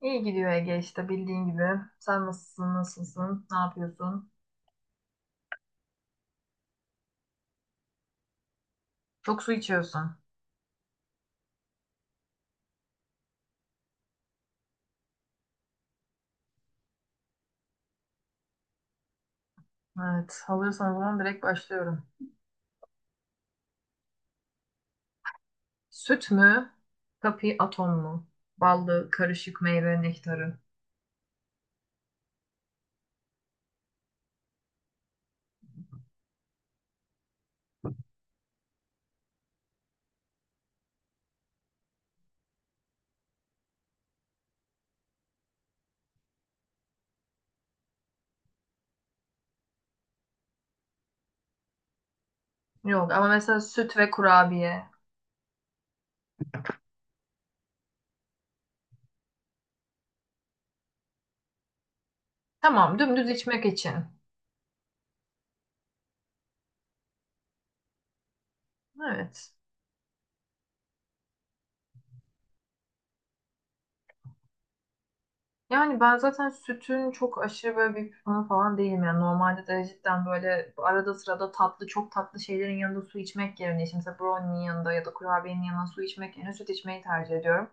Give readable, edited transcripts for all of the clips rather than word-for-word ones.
İyi gidiyor Ege işte bildiğin gibi. Sen nasılsın, ne yapıyorsun? Çok su içiyorsun. Evet, hazırsan o zaman direkt başlıyorum. Süt mü, kapi atom mu? Ballı, karışık meyve nektarı. Yok ama mesela süt ve kurabiye. Tamam, dümdüz içmek için. Evet. Yani ben zaten sütün çok aşırı böyle bir fanı falan değilim. Yani normalde de cidden böyle arada sırada tatlı, çok tatlı şeylerin yanında su içmek yerine, işte mesela brownie'nin yanında ya da kurabiyenin yanında su içmek yerine süt içmeyi tercih ediyorum.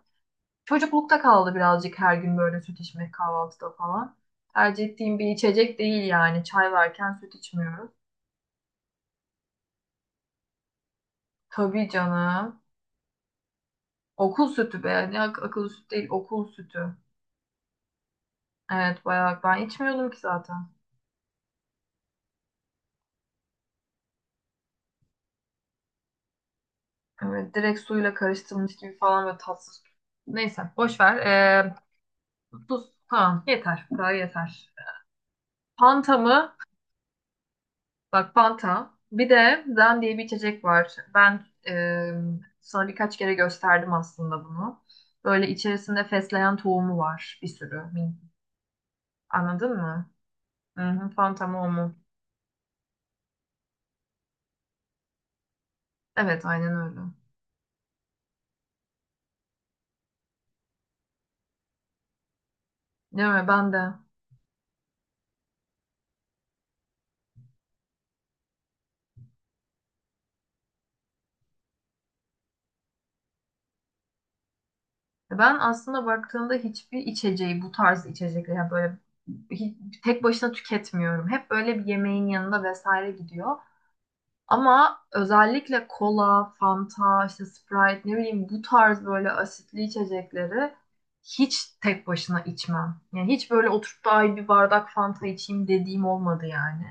Çocuklukta kaldı birazcık her gün böyle süt içmek kahvaltıda falan. Tercih ettiğim bir içecek değil yani. Çay varken süt içmiyoruz. Tabii canım. Okul sütü be. Akıllı süt değil, okul sütü. Evet bayağı ben içmiyordum ki zaten. Evet, direkt suyla karıştırılmış gibi falan böyle tatsız. Neyse boş ver. Tuz falan yeter. Bu kadar yeter. Fanta mı? Bak Fanta. Bir de Zen diye bir içecek var. Ben sana birkaç kere gösterdim aslında bunu. Böyle içerisinde fesleğen tohumu var bir sürü. Anladın mı? Hı hı, Fanta mı o mu? Evet aynen öyle. Ne öyle ben de. Ben aslında baktığımda hiçbir içeceği bu tarz içecekleri yani böyle hi- tek başına tüketmiyorum. Hep böyle bir yemeğin yanında vesaire gidiyor. Ama özellikle kola, Fanta, işte Sprite ne bileyim bu tarz böyle asitli içecekleri hiç tek başına içmem. Yani hiç böyle oturup da ay bir bardak Fanta içeyim dediğim olmadı yani.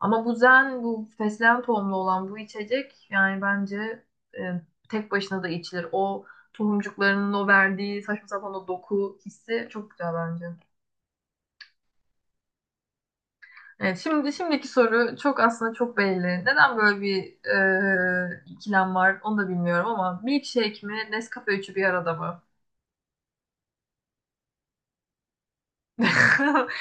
Ama bu zen, bu fesleğen tohumlu olan bu içecek yani bence e, tek başına da içilir. O tohumcuklarının o verdiği saçma sapan o doku hissi çok güzel bence. Evet, şimdi şimdiki soru çok aslında çok belli. Neden böyle bir ikilem var onu da bilmiyorum ama milkshake mi Nescafe üçü bir arada mı?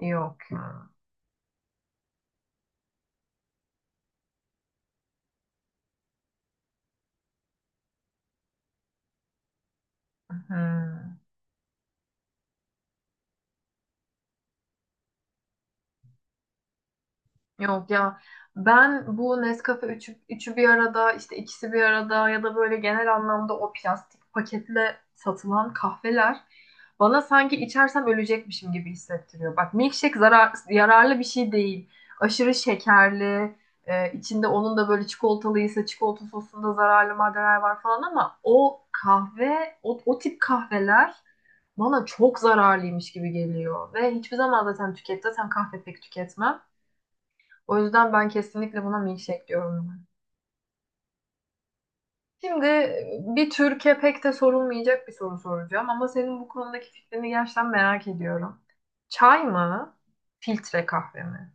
Yok. Hmm. Yok ya ben bu Nescafe üçü bir arada işte ikisi bir arada ya da böyle genel anlamda o plastik paketle satılan kahveler bana sanki içersem ölecekmişim gibi hissettiriyor. Bak milkshake zarar, yararlı bir şey değil. Aşırı şekerli, içinde onun da böyle çikolatalıysa çikolata sosunda zararlı maddeler var falan ama o kahve, o tip kahveler bana çok zararlıymış gibi geliyor. Ve hiçbir zaman zaten kahve pek tüketmem. O yüzden ben kesinlikle buna milkshake diyorum. Ben. Şimdi bir tür pek de sorulmayacak bir soru soracağım ama senin bu konudaki fikrini gerçekten merak ediyorum. Çay mı? Filtre kahve mi?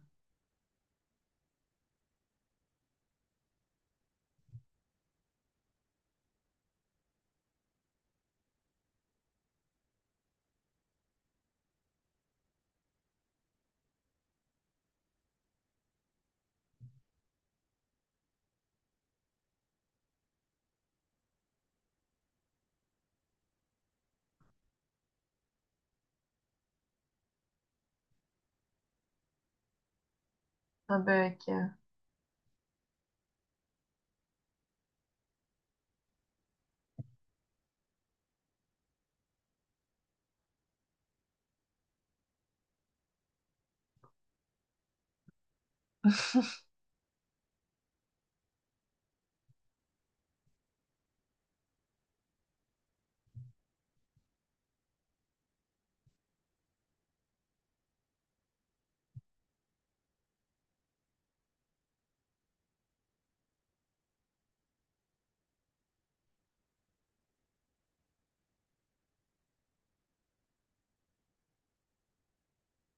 Tabii ki.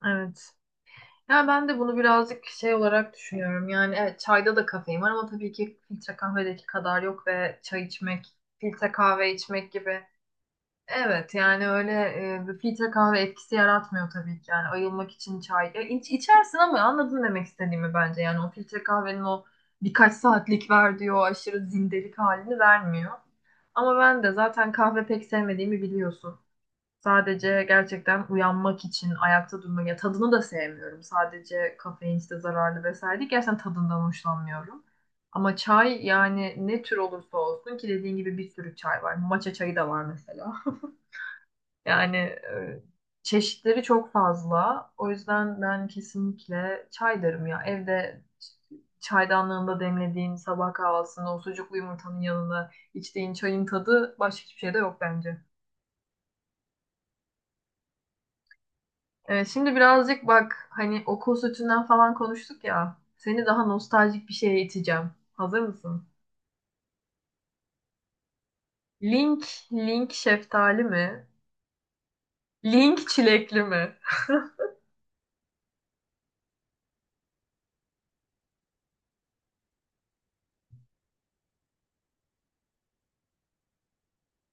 Evet. Yani ben de bunu birazcık şey olarak düşünüyorum. Yani evet çayda da kafein var ama tabii ki filtre kahvedeki kadar yok ve çay içmek, filtre kahve içmek gibi. Evet yani öyle bir filtre kahve etkisi yaratmıyor tabii ki yani ayılmak için çay ya, içersin ama anladın demek istediğimi bence yani o filtre kahvenin o birkaç saatlik verdiği o aşırı zindelik halini vermiyor. Ama ben de zaten kahve pek sevmediğimi biliyorsun. Sadece gerçekten uyanmak için ayakta durmak ya, tadını da sevmiyorum. Sadece kafein işte zararlı vesaire değil. Gerçekten tadından hoşlanmıyorum. Ama çay yani ne tür olursa olsun ki dediğin gibi bir sürü çay var. Matcha çayı da var mesela. Yani çeşitleri çok fazla. O yüzden ben kesinlikle çay derim ya. Evde çaydanlığında demlediğin sabah kahvaltısında o sucuklu yumurtanın yanında içtiğin çayın tadı başka hiçbir şeyde yok bence. Evet, şimdi birazcık bak hani okul sütünden falan konuştuk ya. Seni daha nostaljik bir şeye iteceğim. Hazır mısın? Link, link şeftali mi? Link çilekli mi?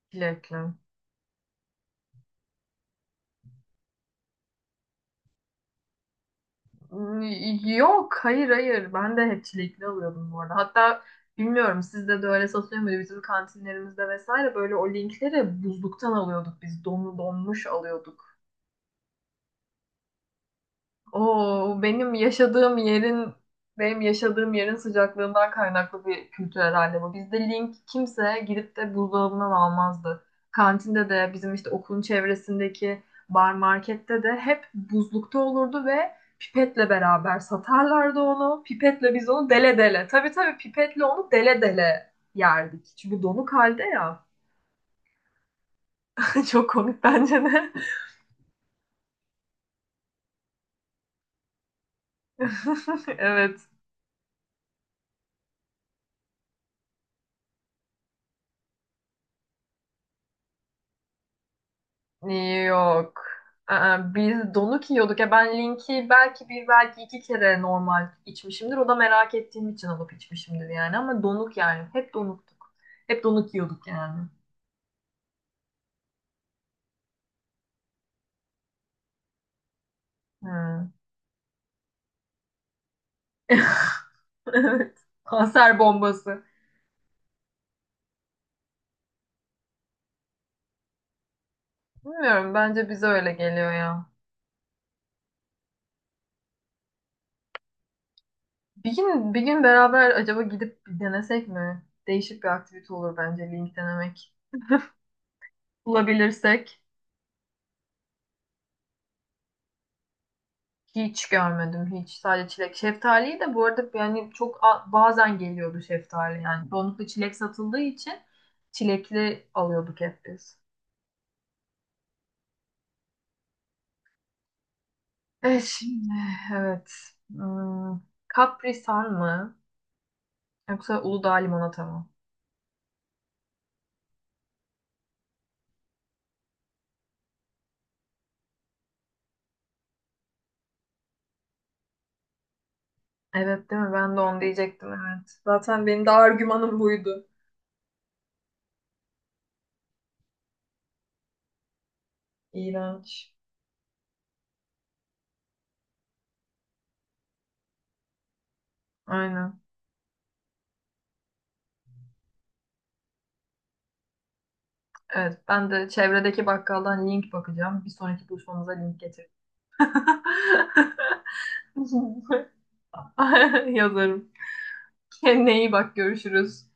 Çilekli. Yok, hayır hayır. Ben de hep çilekli alıyordum bu arada. Hatta bilmiyorum sizde de öyle satılıyor muydu? Bizim kantinlerimizde vesaire böyle o linkleri buzluktan alıyorduk biz. Donlu donmuş alıyorduk. Oo, benim yaşadığım yerin sıcaklığından kaynaklı bir kültür herhalde bu. Bizde link kimse gidip de buzdolabından almazdı. Kantinde de bizim işte okulun çevresindeki bar markette de hep buzlukta olurdu ve pipetle beraber satarlardı onu. Pipetle biz onu dele dele. Tabii tabii pipetle onu dele dele yerdik. Çünkü donuk halde ya. Çok komik bence de. Evet. Yok. Aa, biz donuk yiyorduk ya, ben linki belki bir belki iki kere normal içmişimdir. O da merak ettiğim için alıp içmişimdir yani ama donuk yani. Hep donuktuk. Hep donuk yiyorduk yani. Hmm. Evet. Kanser bombası. Bilmiyorum bence bize öyle geliyor ya. Bir gün beraber acaba gidip bir denesek mi? Değişik bir aktivite olur bence link denemek. Bulabilirsek. Hiç görmedim hiç. Sadece çilek. Şeftaliyi de bu arada yani bazen geliyordu şeftali yani. Çoğunlukla çilek satıldığı için çilekli alıyorduk hep biz. E şimdi evet. Hmm, Capri Sun mı? Yoksa Uludağ limonata mı? Evet değil mi? Ben de onu diyecektim evet. Zaten benim de argümanım buydu. İğrenç. Aynen. Evet ben de çevredeki bakkaldan link bakacağım. Bir sonraki buluşmamıza link getir. Yazarım. Kendine iyi bak görüşürüz.